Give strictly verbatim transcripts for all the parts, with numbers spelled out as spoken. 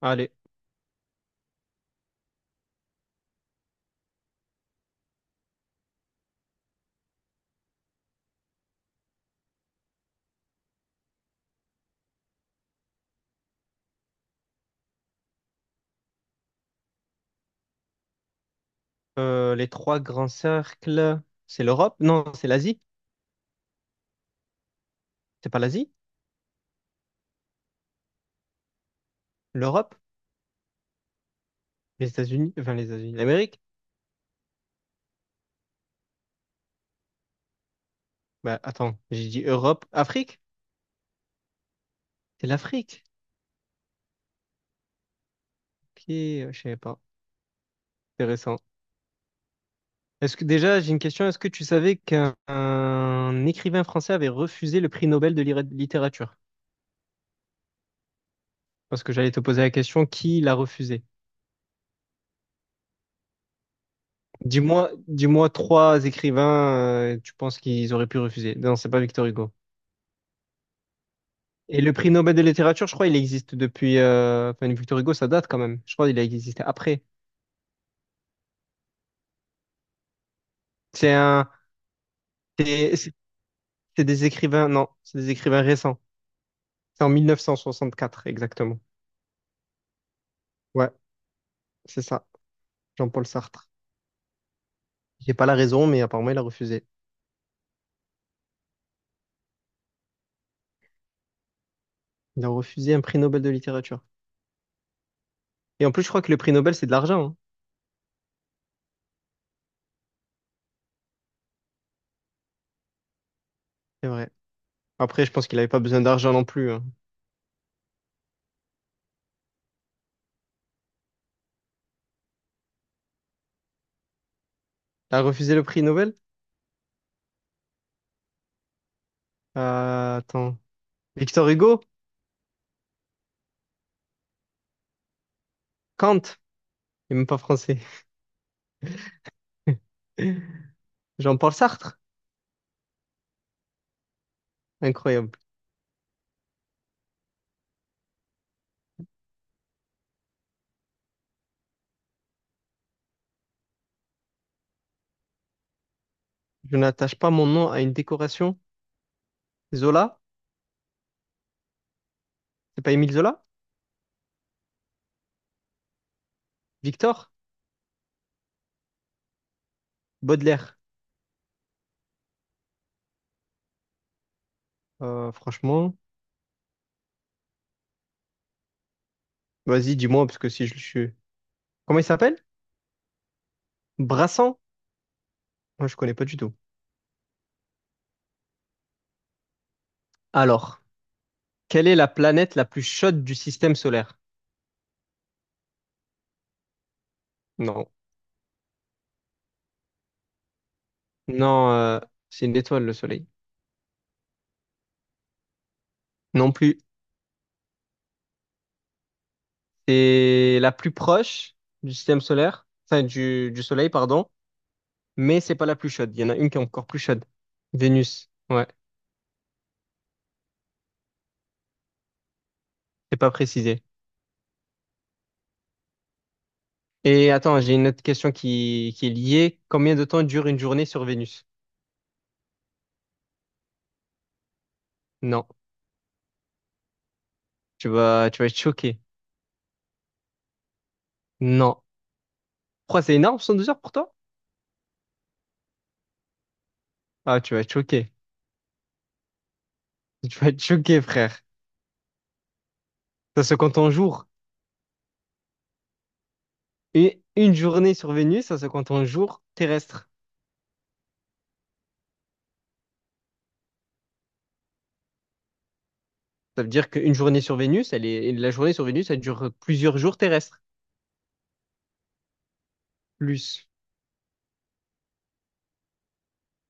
Allez, euh, les trois grands cercles, c'est l'Europe? Non, c'est l'Asie. C'est pas l'Asie? L'Europe? Les États-Unis? Enfin, les États-Unis, l'Amérique? Bah, attends, j'ai dit Europe, Afrique? C'est l'Afrique. Ok, euh, je savais pas. Intéressant. Est-ce que déjà, j'ai une question. Est-ce que tu savais qu'un un écrivain français avait refusé le prix Nobel de lira- littérature? Parce que j'allais te poser la question, qui l'a refusé? Dis-moi, dis-moi trois écrivains, euh, tu penses qu'ils auraient pu refuser. Non, c'est pas Victor Hugo. Et le prix Nobel de littérature, je crois, il existe depuis. Euh, Enfin, Victor Hugo, ça date quand même. Je crois qu'il a existé après. C'est un. C'est c'est- c'est des écrivains. Non, c'est des écrivains récents. C'est en mille neuf cent soixante-quatre, exactement. Ouais, c'est ça. Jean-Paul Sartre. J'ai pas la raison, mais apparemment, il a refusé. Il a refusé un prix Nobel de littérature. Et en plus, je crois que le prix Nobel, c'est de l'argent, hein. C'est vrai. Après, je pense qu'il avait pas besoin d'argent non plus, hein. Il a refusé le prix Nobel? Euh, attends. Victor Hugo? Kant? Il est même pas français. Jean-Paul Sartre? Incroyable. Je n'attache pas mon nom à une décoration. Zola? C'est pas Émile Zola? Victor? Baudelaire? Euh, franchement, vas-y, dis-moi, parce que si je le suis. Comment il s'appelle? Brassan? Moi, je connais pas du tout. Alors, quelle est la planète la plus chaude du système solaire? Non. Non, euh, c'est une étoile, le Soleil. Non plus. C'est la plus proche du système solaire, enfin, du, du Soleil, pardon, mais c'est pas la plus chaude. Il y en a une qui est encore plus chaude. Vénus. Ouais, c'est pas précisé. Et attends, j'ai une autre question qui, qui est liée. Combien de temps dure une journée sur Vénus? Non. Tu vas, tu vas être choqué. Non. Pourquoi c'est énorme, cent douze heures pour toi? Ah, tu vas être choqué. Tu vas être choqué, frère. Ça se compte en jours. Une une journée sur Vénus, ça se compte en jours terrestres. Ça veut dire qu'une journée sur Vénus, elle est, la journée sur Vénus, elle dure plusieurs jours terrestres. Plus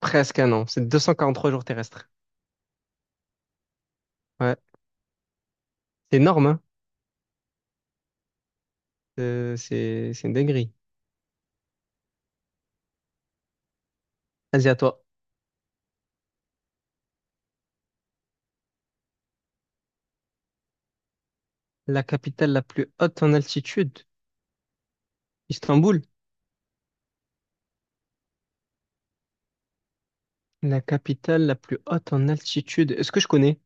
presque un an. C'est deux cent quarante-trois jours terrestres. Ouais. C'est énorme, hein? Euh, C'est, c'est une dinguerie. Vas-y, à toi. La capitale la plus haute en altitude. Istanbul, la capitale la plus haute en altitude. Est-ce que je connais?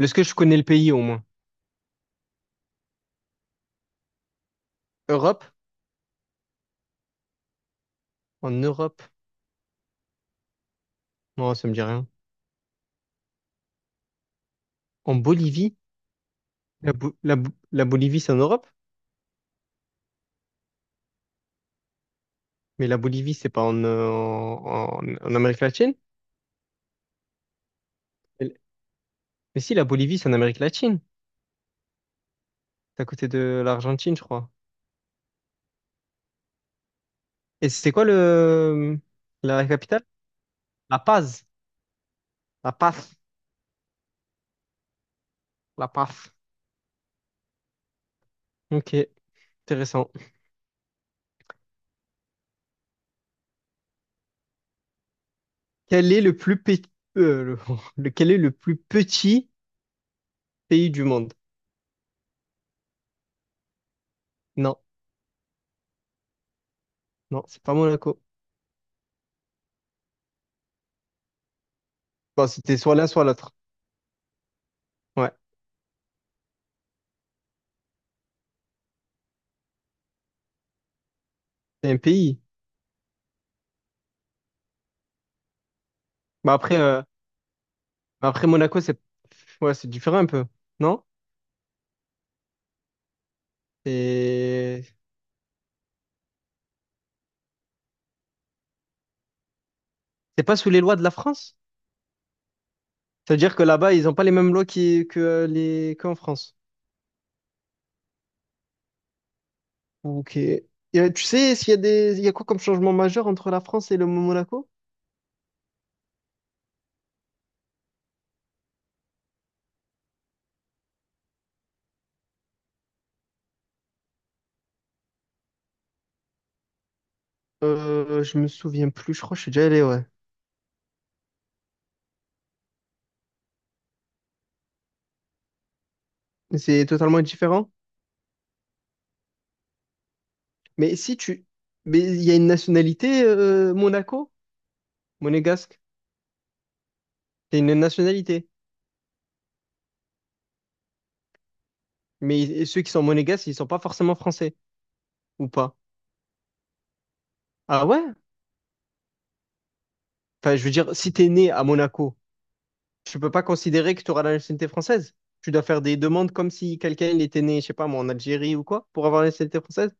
Est-ce que je connais le pays au moins? Europe? En Europe? Non, ça me dit rien. En Bolivie? La, Bo- la Bo- la Bolivie, c'est en Europe? Mais la Bolivie, c'est pas en, euh, en, en- en Amérique latine? Mais mais si, la Bolivie, c'est en Amérique latine. C'est à côté de l'Argentine, je crois. Et c'est quoi le, la capitale? La Paz. La Paz. La Paz. Ok, intéressant. Quel est le plus, pe- euh, le- lequel est le plus petit pays du monde? Non, non, c'est pas Monaco. Bon, c'était soit l'un, soit l'autre. Ouais, c'est un pays. Mais après, euh, mais après Monaco, c'est ouais, c'est différent un peu, non? C'est c'est pas sous les lois de la France? Ça veut dire que là-bas, ils n'ont pas les mêmes lois qui- que les qu'en France. Ok. Et, euh, tu sais, s'il y a des, il y a quoi comme changement majeur entre la France et le Monaco? Euh, je me souviens plus. Je crois que je suis déjà allé, ouais. Mais c'est totalement différent. Mais si tu, mais il y a une nationalité euh, Monaco, monégasque. C'est une nationalité. Mais ceux qui sont monégasques, ils sont pas forcément français, ou pas? Ah ouais? Enfin, je veux dire, si t'es né à Monaco, tu peux pas considérer que tu auras la nationalité française. Tu dois faire des demandes comme si quelqu'un il était né, je sais pas, moi, en Algérie ou quoi, pour avoir la nationalité française.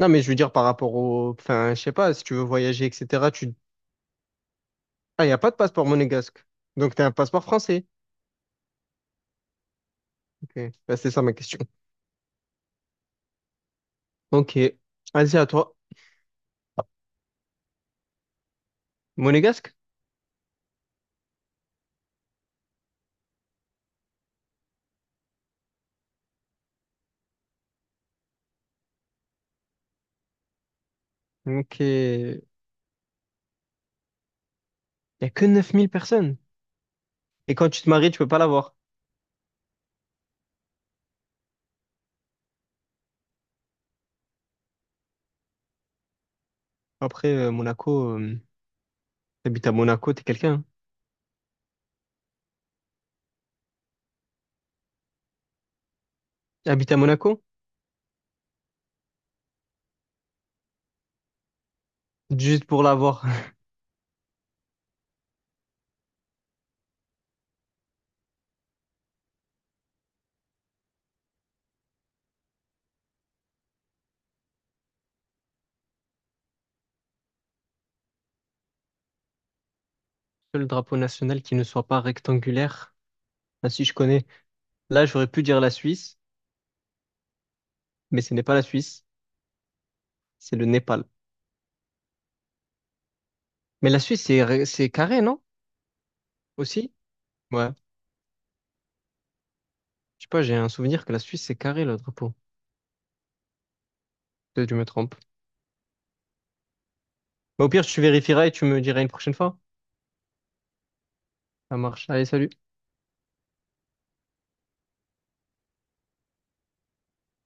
Non, mais je veux dire par rapport au, enfin, je sais pas, si tu veux voyager, et cetera. Tu, ah, y a pas de passeport monégasque. Donc t'as un passeport français. Ok. Bah, c'est ça ma question. Ok. Allez, à toi. Monégasque? Ok. Y a que neuf mille personnes. Et quand tu te maries, tu peux pas l'avoir. Après, euh, Monaco. euh, T'habites à Monaco, t'es quelqu'un, hein. T'habites à Monaco? Juste pour l'avoir. Le drapeau national qui ne soit pas rectangulaire. Ah si, je connais. Là, j'aurais pu dire la Suisse, mais ce n'est pas la Suisse, c'est le Népal. Mais la Suisse, c'est ré- c'est carré, non? Aussi? Ouais. Je sais pas, j'ai un souvenir que la Suisse, c'est carré, le drapeau. Peut-être que je me trompe. Mais au pire, tu vérifieras et tu me diras une prochaine fois. Ça marche. Allez, salut.